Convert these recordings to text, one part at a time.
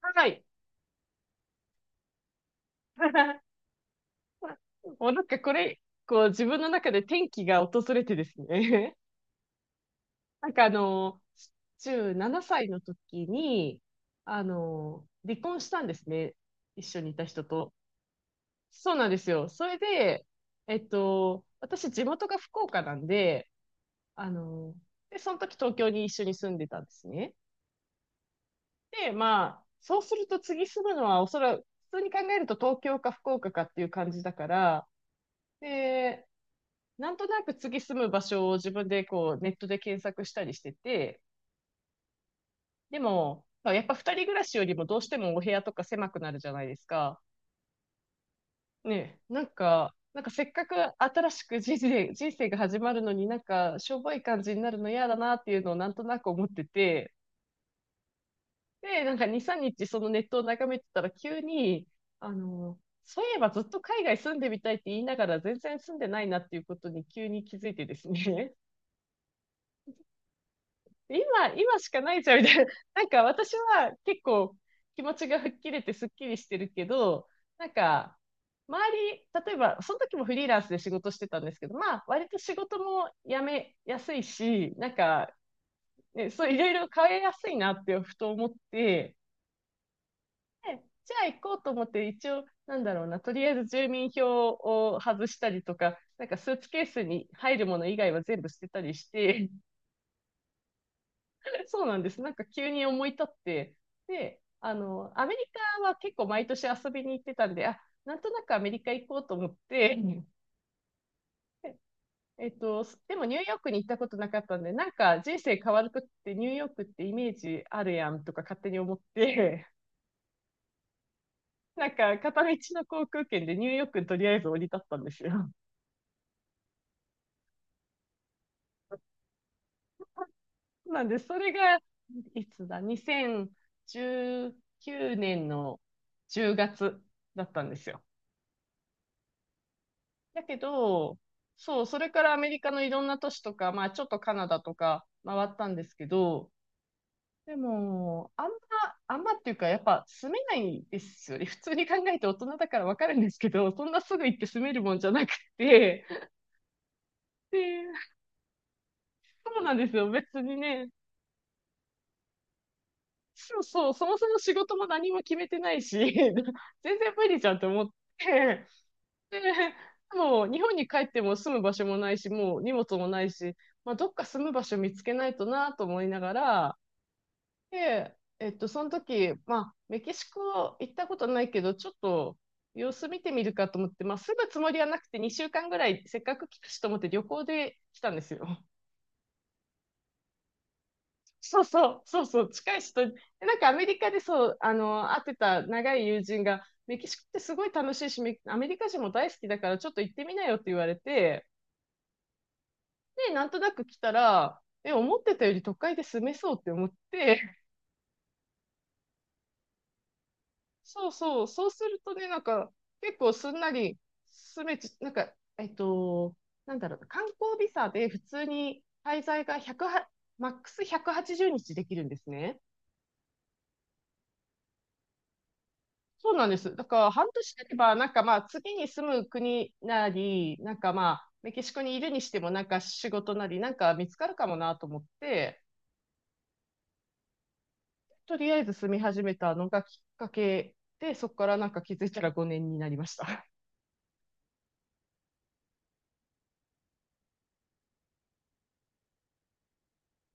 はい。もうなんかこれ、こう自分の中で転機が訪れてですね。 なんか17歳の時に、離婚したんですね。一緒にいた人と。そうなんですよ。それで、私地元が福岡なんで、あの、で、その時東京に一緒に住んでたんですね。で、まあ、そうすると次住むのはおそらく、普通に考えると東京か福岡かっていう感じだから、で、なんとなく次住む場所を自分でこうネットで検索したりしてて、でも、まあやっぱ二人暮らしよりもどうしてもお部屋とか狭くなるじゃないですか。ねえ、なんか、なんかせっかく新しく人生が始まるのになんかしょぼい感じになるの嫌だなっていうのをなんとなく思ってて、で、なんか2、3日そのネットを眺めてたら急に、あの、そういえばずっと海外住んでみたいって言いながら全然住んでないなっていうことに急に気づいてですね。今、今しかないじゃん、みたいな。なんか私は結構気持ちが吹っ切れてすっきりしてるけど、なんか、周り、例えば、その時もフリーランスで仕事してたんですけど、まあ、割と仕事も辞めやすいし、なんか、ね、そう、いろいろ変えやすいなってふと思って、でじゃあ行こうと思って、一応、なんだろうな、とりあえず住民票を外したりとか、なんかスーツケースに入るもの以外は全部捨てたりして、そうなんです。なんか急に思い立って、で、アメリカは結構毎年遊びに行ってたんで、あ、なんとなくアメリカ行こうと思って、うん、でもニューヨークに行ったことなかったんで、なんか人生変わるときってニューヨークってイメージあるやんとか勝手に思って、なんか片道の航空券でニューヨークにとりあえず降り立ったんですよ。なんで、それが、いつだ、2019年の10月だったんですよ。だけど、そう、それからアメリカのいろんな都市とか、まあちょっとカナダとか回ったんですけど、でも、あんまっていうか、やっぱ住めないですよね。普通に考えて大人だからわかるんですけど、そんなすぐ行って住めるもんじゃなくて、で、そうなんですよ。別にね、そうそう、そもそも仕事も何も決めてないし、全然無理じゃんと思って、で、もう日本に帰っても住む場所もないし、もう荷物もないし、まあ、どっか住む場所見つけないとなと思いながら、で、その時、まあ、メキシコ行ったことないけど、ちょっと様子見てみるかと思って、まあ、住むつもりはなくて2週間ぐらいせっかく来たしと思って旅行で来たんですよ。そうそう、そうそう、近い人、でなんかアメリカでそう、会ってた長い友人が、メキシコってすごい楽しいし、アメリカ人も大好きだからちょっと行ってみなよって言われて、で、なんとなく来たら、え、思ってたより都会で住めそうって思って、そうそう、そうするとね、なんか、結構すんなり住めち、なんか、えっと、なんだろうな、観光ビザで普通に滞在が100は、マックス180日できるんですね。そうなんです。だから半年経てば、なんかまあ次に住む国なり、なんかまあメキシコにいるにしても、なんか仕事なり、なんか見つかるかもなと思って、とりあえず住み始めたのがきっかけで、そこからなんか気づいたら5年になりました。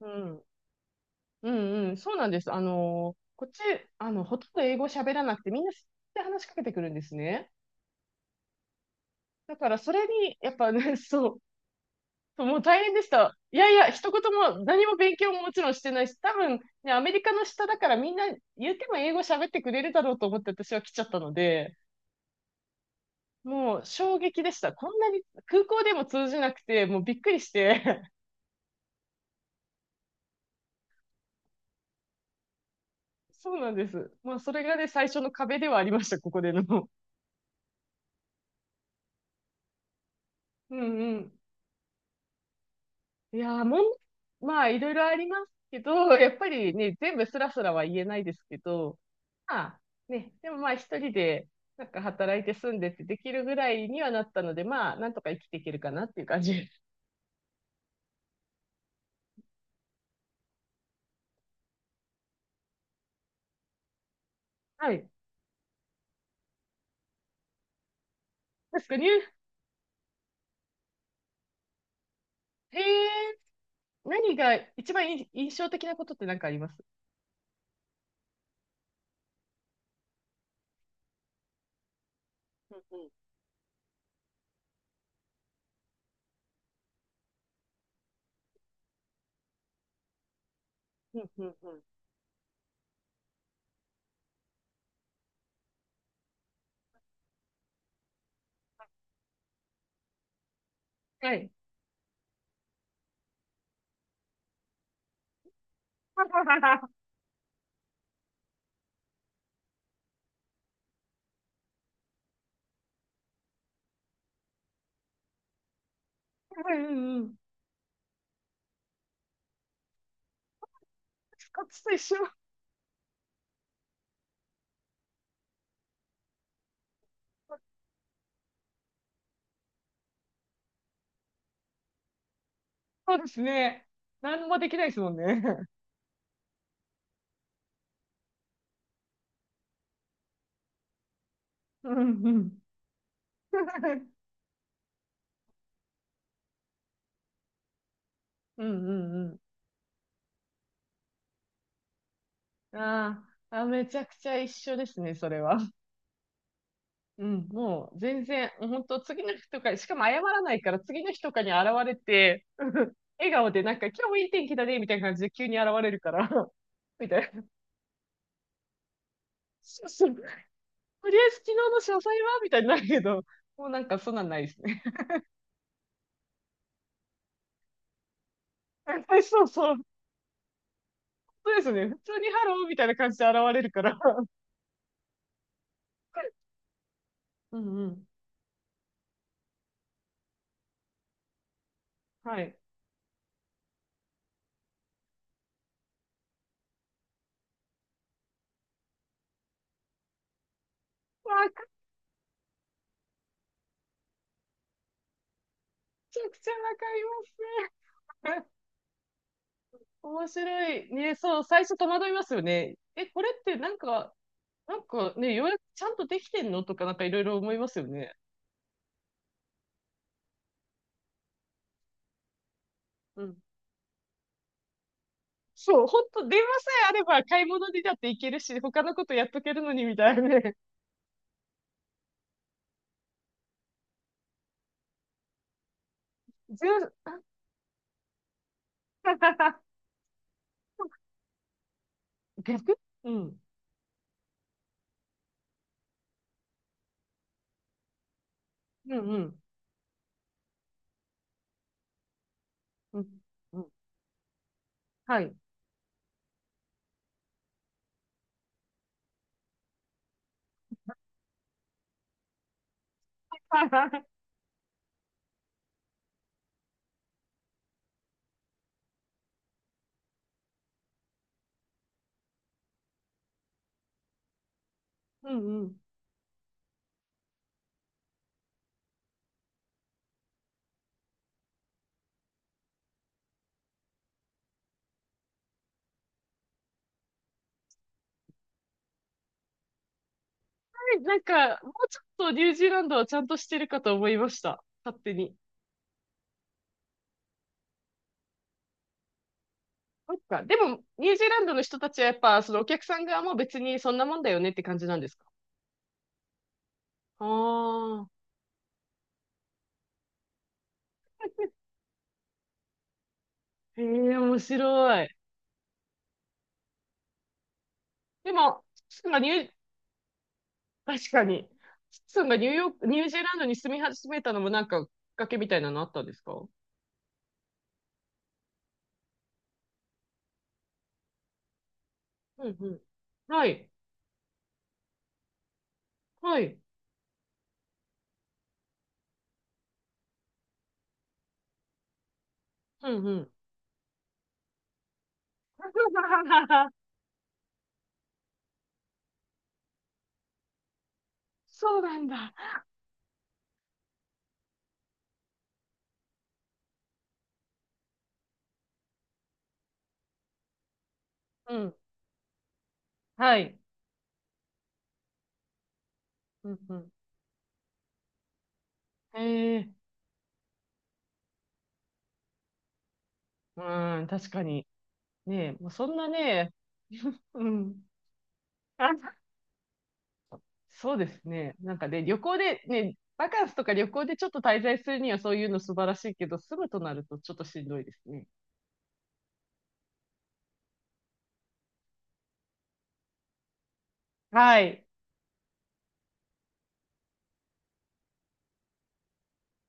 うん。うんうん。そうなんです。こっち、ほとんど英語喋らなくて、みんな知って話しかけてくるんですね。だから、それに、やっぱね、そう、もう大変でした。いやいや、一言も、何も勉強ももちろんしてないし、多分、ね、アメリカの下だからみんな言うても英語喋ってくれるだろうと思って私は来ちゃったので、もう衝撃でした。こんなに空港でも通じなくて、もうびっくりして。そうなんです。まあ、それがね、最初の壁ではありました、ここでの。うんうん。いやー、まあ、いろいろありますけど、やっぱりね、全部スラスラは言えないですけど、まあ、ね、でもまあ、一人で、なんか働いて住んでってできるぐらいにはなったので、まあ、なんとか生きていけるかなっていう感じです。 はい。確かに、えー、何が一番い印象的なことって何かあります？うんうん。うんうんうん。はい。うんうんうん。カツと一緒。そうですね。何もできないですもんね。うんうん。うんうんうん。あーあ、めちゃくちゃ一緒ですね、それは。うん、もう全然、本当次の日とか、しかも謝らないから次の日とかに現れて、うん、笑顔でなんか今日もいい天気だね、みたいな感じで急に現れるから、みたいな。そうそう。とりあえず昨日の詳細はみたいになるけど、もうなんかそんなんないですね。そうそう。そうですね。普通にハローみたいな感じで現れるから。うんうん。はい。わくちゃくちゃわかりますね。面白い。ね、そう、最初戸惑いますよね。え、これってなんか、なんかね、ようやくちゃんとできてんのとかなんかいろいろ思いますよね。うん。そう、ほんと、電話さえあれば買い物にだって行けるし、他のことやっとけるのにみたいなね。じゅう 逆、うん。うんうん。うん。うん。はい。うんうん。なんか、もうちょっとニュージーランドはちゃんとしてるかと思いました。勝手に。そっか。でも、ニュージーランドの人たちはやっぱ、そのお客さん側も別にそんなもんだよねって感じなんですか？ああー、へえ、面白い。でも、スッさがニュー、確かに、スッツンがニューヨーク、ニュージーランドに住み始めたのもなんか、きっかけみたいなのあったんですか？うんうん。はい、はい、うんうん。そうなんだ。うん、はい。うんうん。へえ、うん、確かに。ねえ、もうそんなね、うん。そうですね。なんかね、旅行で、ね、バカンスとか旅行でちょっと滞在するにはそういうの素晴らしいけど、住むとなるとちょっとしんどいですね。はい。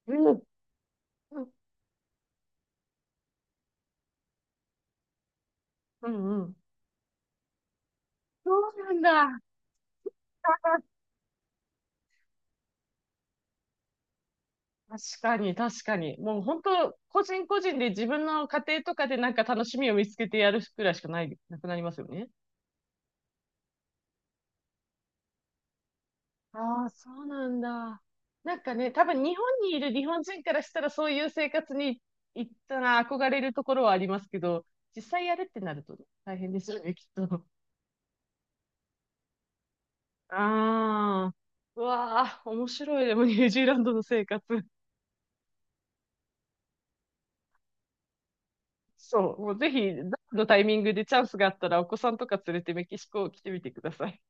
うん。うんうんうん。そうなんだ。確かに、確かに。もう本当、個人個人で自分の家庭とかでなんか楽しみを見つけてやるくらいしかない、なくなりますよね。ああ、そうなんだ。なんかね、多分日本にいる日本人からしたらそういう生活に行ったら憧れるところはありますけど、実際やるってなるとね大変ですよね、きっと。ああ、うわあ、面白い。でもニュージーランドの生活。そう、もうぜひ、どのタイミングでチャンスがあったらお子さんとか連れてメキシコ来てみてください。